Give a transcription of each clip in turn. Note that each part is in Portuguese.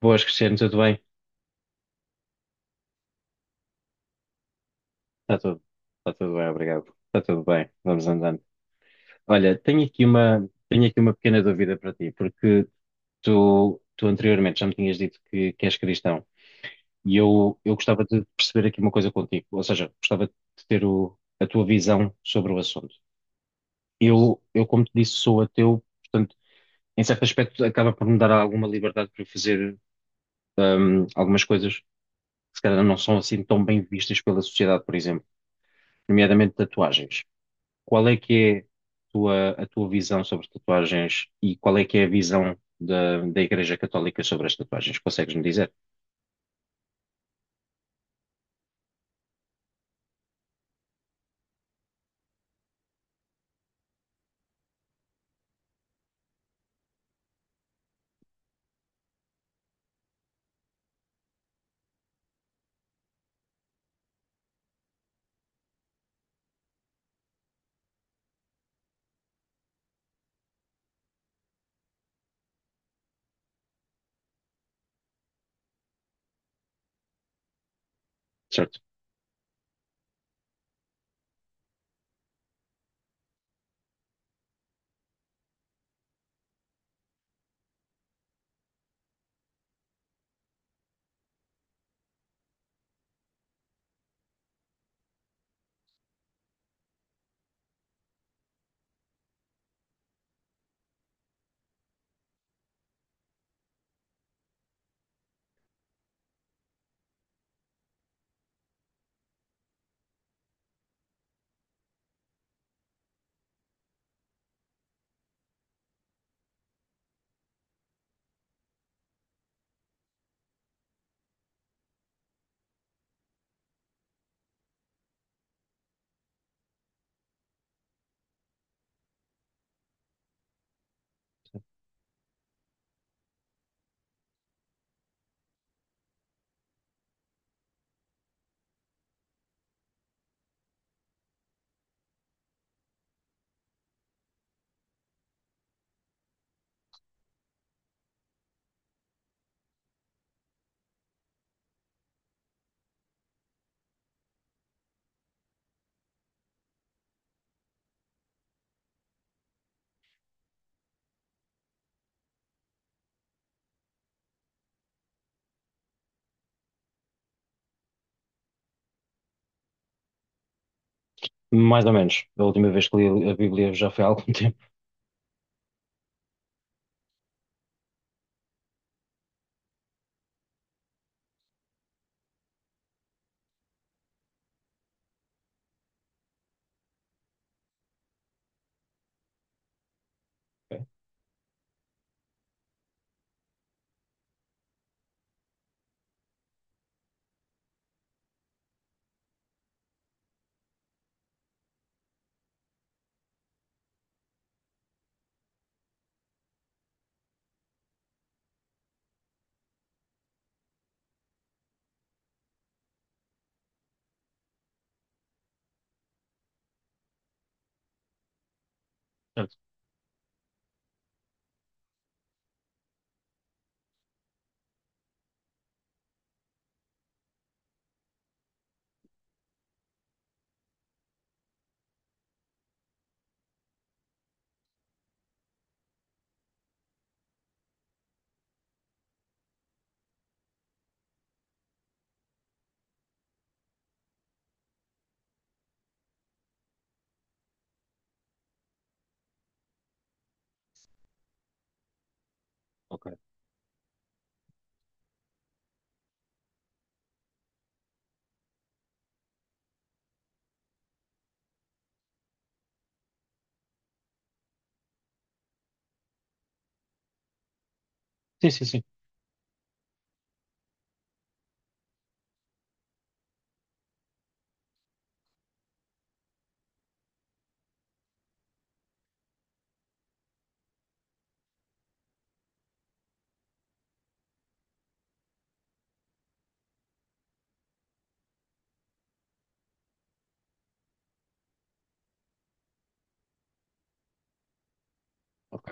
Boas, Cristiano, tudo bem? Está tudo, está tudo bem, obrigado. Está tudo bem, vamos andando. Olha, tenho aqui uma pequena dúvida para ti, porque tu anteriormente já me tinhas dito que és cristão e eu gostava de perceber aqui uma coisa contigo, ou seja, gostava de ter a tua visão sobre o assunto. Como te disse, sou ateu, portanto, em certo aspecto, acaba por me dar alguma liberdade para eu fazer algumas coisas que se calhar não são assim tão bem vistas pela sociedade, por exemplo, nomeadamente tatuagens. Qual é que é a tua visão sobre tatuagens e qual é que é a visão da Igreja Católica sobre as tatuagens? Consegues-me dizer? Certo. Mais ou menos. A última vez que li a Bíblia já foi há algum tempo. Ok. Certo. Ok. Sim, sim, sim. Ok.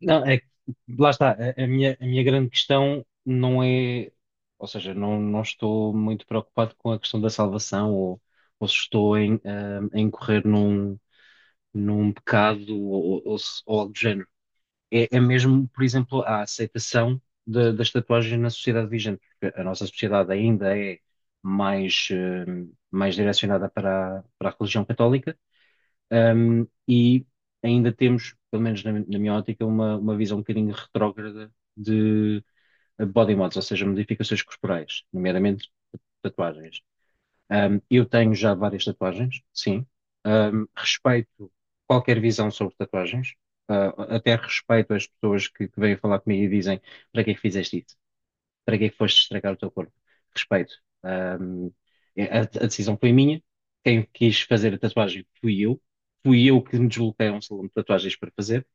Não, é, que- Lá está. A minha grande questão não é, ou seja, não, não estou muito preocupado com a questão da salvação ou se estou em, em correr num, num pecado ou, ou algo do género. É, é mesmo, por exemplo, a aceitação das tatuagens na sociedade vigente, porque a nossa sociedade ainda é mais, mais direcionada para a, para a religião católica, e ainda temos, pelo menos na, na minha ótica, uma visão um bocadinho retrógrada de body mods, ou seja, modificações corporais, nomeadamente tatuagens. Eu tenho já várias tatuagens, sim. Respeito qualquer visão sobre tatuagens. Até respeito as pessoas que vêm falar comigo e dizem: para que é que fizeste isso? Para que é que foste estragar o teu corpo? Respeito. Um, a decisão foi minha. Quem quis fazer a tatuagem fui eu. Fui eu que me desloquei a um salão de tatuagens para fazer.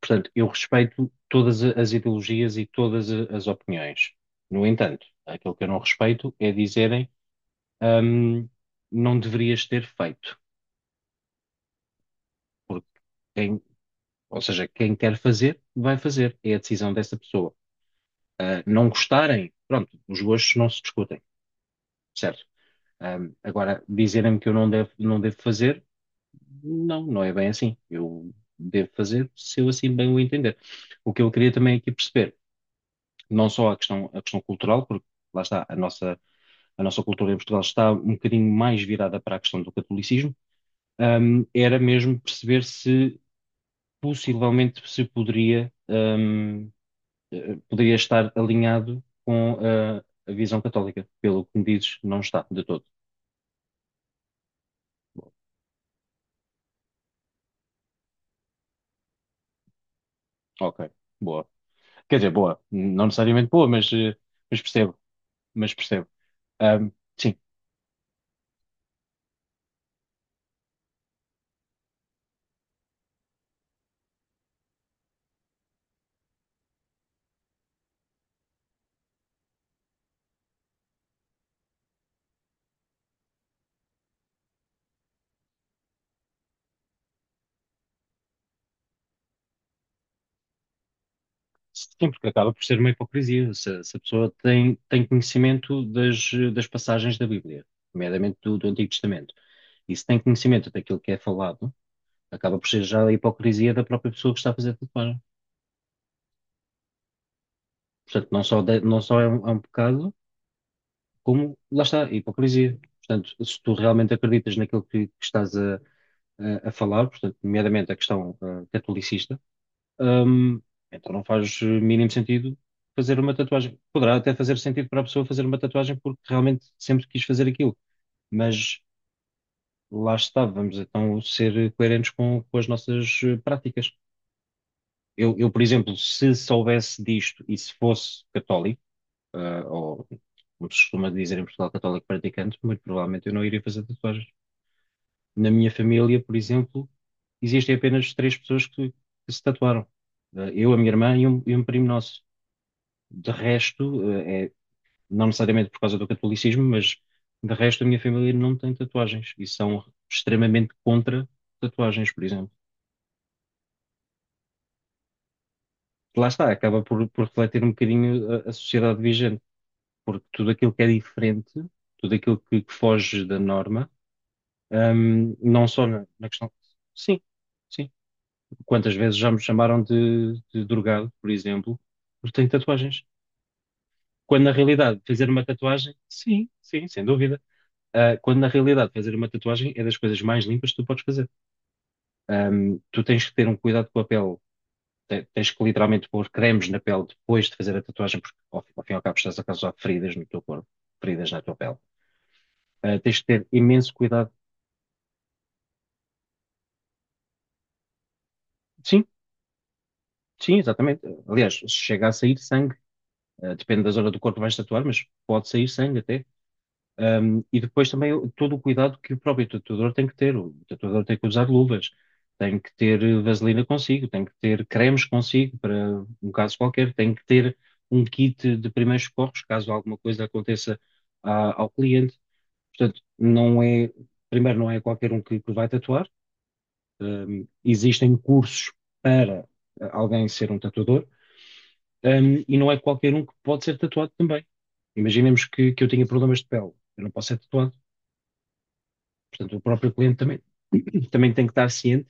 Portanto, eu respeito todas as ideologias e todas as opiniões. No entanto, aquilo que eu não respeito é dizerem hum, não deverias ter feito. Porque quem, ou seja, quem quer fazer, vai fazer. É a decisão dessa pessoa. Ah, não gostarem, pronto, os gostos não se discutem, certo? Agora, dizerem-me que eu não devo, não devo fazer, não, não é bem assim. Eu devo fazer se eu assim bem o entender. O que eu queria também aqui perceber, não só a questão cultural, porque lá está, a nossa cultura em Portugal está um bocadinho mais virada para a questão do catolicismo, era mesmo perceber se possivelmente se poderia, poderia estar alinhado com a visão católica. Pelo que me dizes, não está de todo. Ok, boa. Quer dizer, boa, não necessariamente boa, mas, mas percebo, mas percebo. Hum, sim, sim, porque acaba por ser uma hipocrisia. Se a pessoa tem, tem conhecimento das, das passagens da Bíblia, nomeadamente do, do Antigo Testamento, e se tem conhecimento daquilo que é falado, acaba por ser já a hipocrisia da própria pessoa que está a fazer tatuagem. Portanto, não só é um pecado, como lá está, a hipocrisia. Portanto, se tu realmente acreditas naquilo que estás a, a falar, portanto, nomeadamente a questão catolicista, hum, então não faz mínimo sentido fazer uma tatuagem. Poderá até fazer sentido para a pessoa fazer uma tatuagem porque realmente sempre quis fazer aquilo, mas lá está, vamos então ser coerentes com as nossas práticas. Por exemplo, se soubesse disto e se fosse católico, ou como se costuma dizer em Portugal, católico praticante, muito provavelmente eu não iria fazer tatuagens. Na minha família, por exemplo, existem apenas três pessoas que se tatuaram. Ah, eu, a minha irmã e um primo nosso. De resto, é, não necessariamente por causa do catolicismo, mas de resto a minha família não tem tatuagens e são extremamente contra tatuagens, por exemplo. Lá está, acaba por refletir um bocadinho a sociedade vigente, porque tudo aquilo que é diferente, tudo aquilo que foge da norma. Não só na, na questão. Sim, sim. Quantas vezes já me chamaram de drogado, por exemplo, porque tenho tatuagens. Quando na realidade fazer uma tatuagem, sim, sim, sem dúvida. Quando na realidade fazer uma tatuagem é das coisas mais limpas que tu podes fazer. Tu tens que ter um cuidado com a pele. Tens que literalmente pôr cremes na pele depois de fazer a tatuagem, porque ao fim e ao cabo estás a causar feridas no teu corpo, feridas na tua pele. Tens que ter imenso cuidado. Sim, sim, exatamente. Aliás, se chega a sair sangue. Depende da zona do corpo que vais tatuar, mas pode sair sangue até. E depois também todo o cuidado que o próprio tatuador tem que ter. O tatuador tem que usar luvas, tem que ter vaselina consigo, tem que ter cremes consigo para um caso qualquer, tem que ter um kit de primeiros socorros caso alguma coisa aconteça ao cliente. Portanto, não é, primeiro, não é qualquer um que vai tatuar. Existem cursos para alguém ser um tatuador e não é qualquer um que pode ser tatuado também. Imaginemos que eu tenha problemas de pele, eu não posso ser tatuado. Portanto, o próprio cliente também, também tem que estar ciente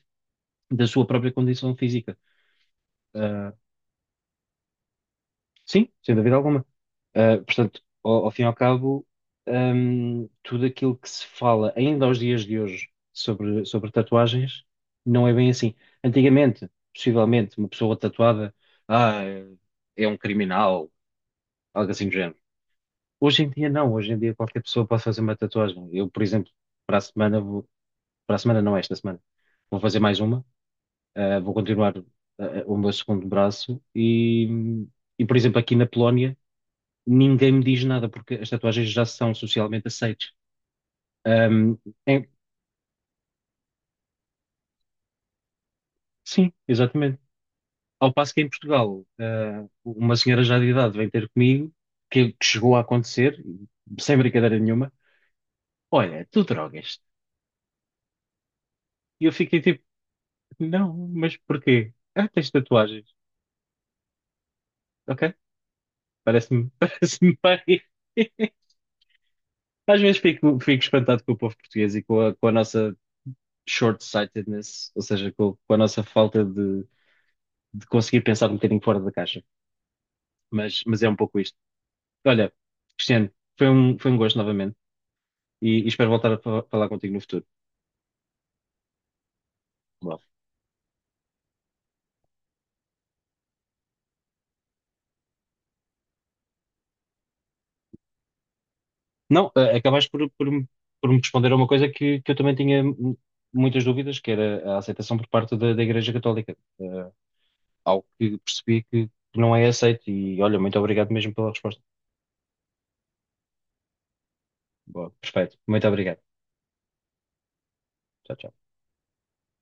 da sua própria condição física. Ah, sim, sem dúvida alguma. Ah, portanto, ao fim e ao cabo, tudo aquilo que se fala ainda aos dias de hoje sobre, sobre tatuagens não é bem assim. Antigamente, possivelmente, uma pessoa tatuada, ah, é um criminal, algo assim do género. Hoje em dia não, hoje em dia qualquer pessoa pode fazer uma tatuagem. Eu, por exemplo, para a semana vou, para a semana não, esta semana, vou fazer mais uma, vou continuar o meu segundo braço e, por exemplo, aqui na Polónia ninguém me diz nada porque as tatuagens já são socialmente aceites. Ahm, em- sim, exatamente. Ao passo que em Portugal, uma senhora já de idade vem ter comigo, que chegou a acontecer, sem brincadeira nenhuma, olha, tu drogas. E eu fiquei tipo, não, mas porquê? Ah, tens tatuagens. Ok? Parece-me, parece-me bem. Às vezes fico, fico espantado com o povo português e com a nossa short-sightedness, ou seja, com a nossa falta de conseguir pensar um bocadinho fora da caixa. Mas é um pouco isto. Olha, Cristiano, foi um gosto novamente e espero voltar a falar contigo no futuro. Bom. Não, acabaste por, por me responder a uma coisa que eu também tinha muitas dúvidas, que era a aceitação por parte da, da Igreja Católica. Algo que percebi que não é aceito. E olha, muito obrigado mesmo pela resposta. Boa, perfeito. Muito obrigado. Tchau, tchau.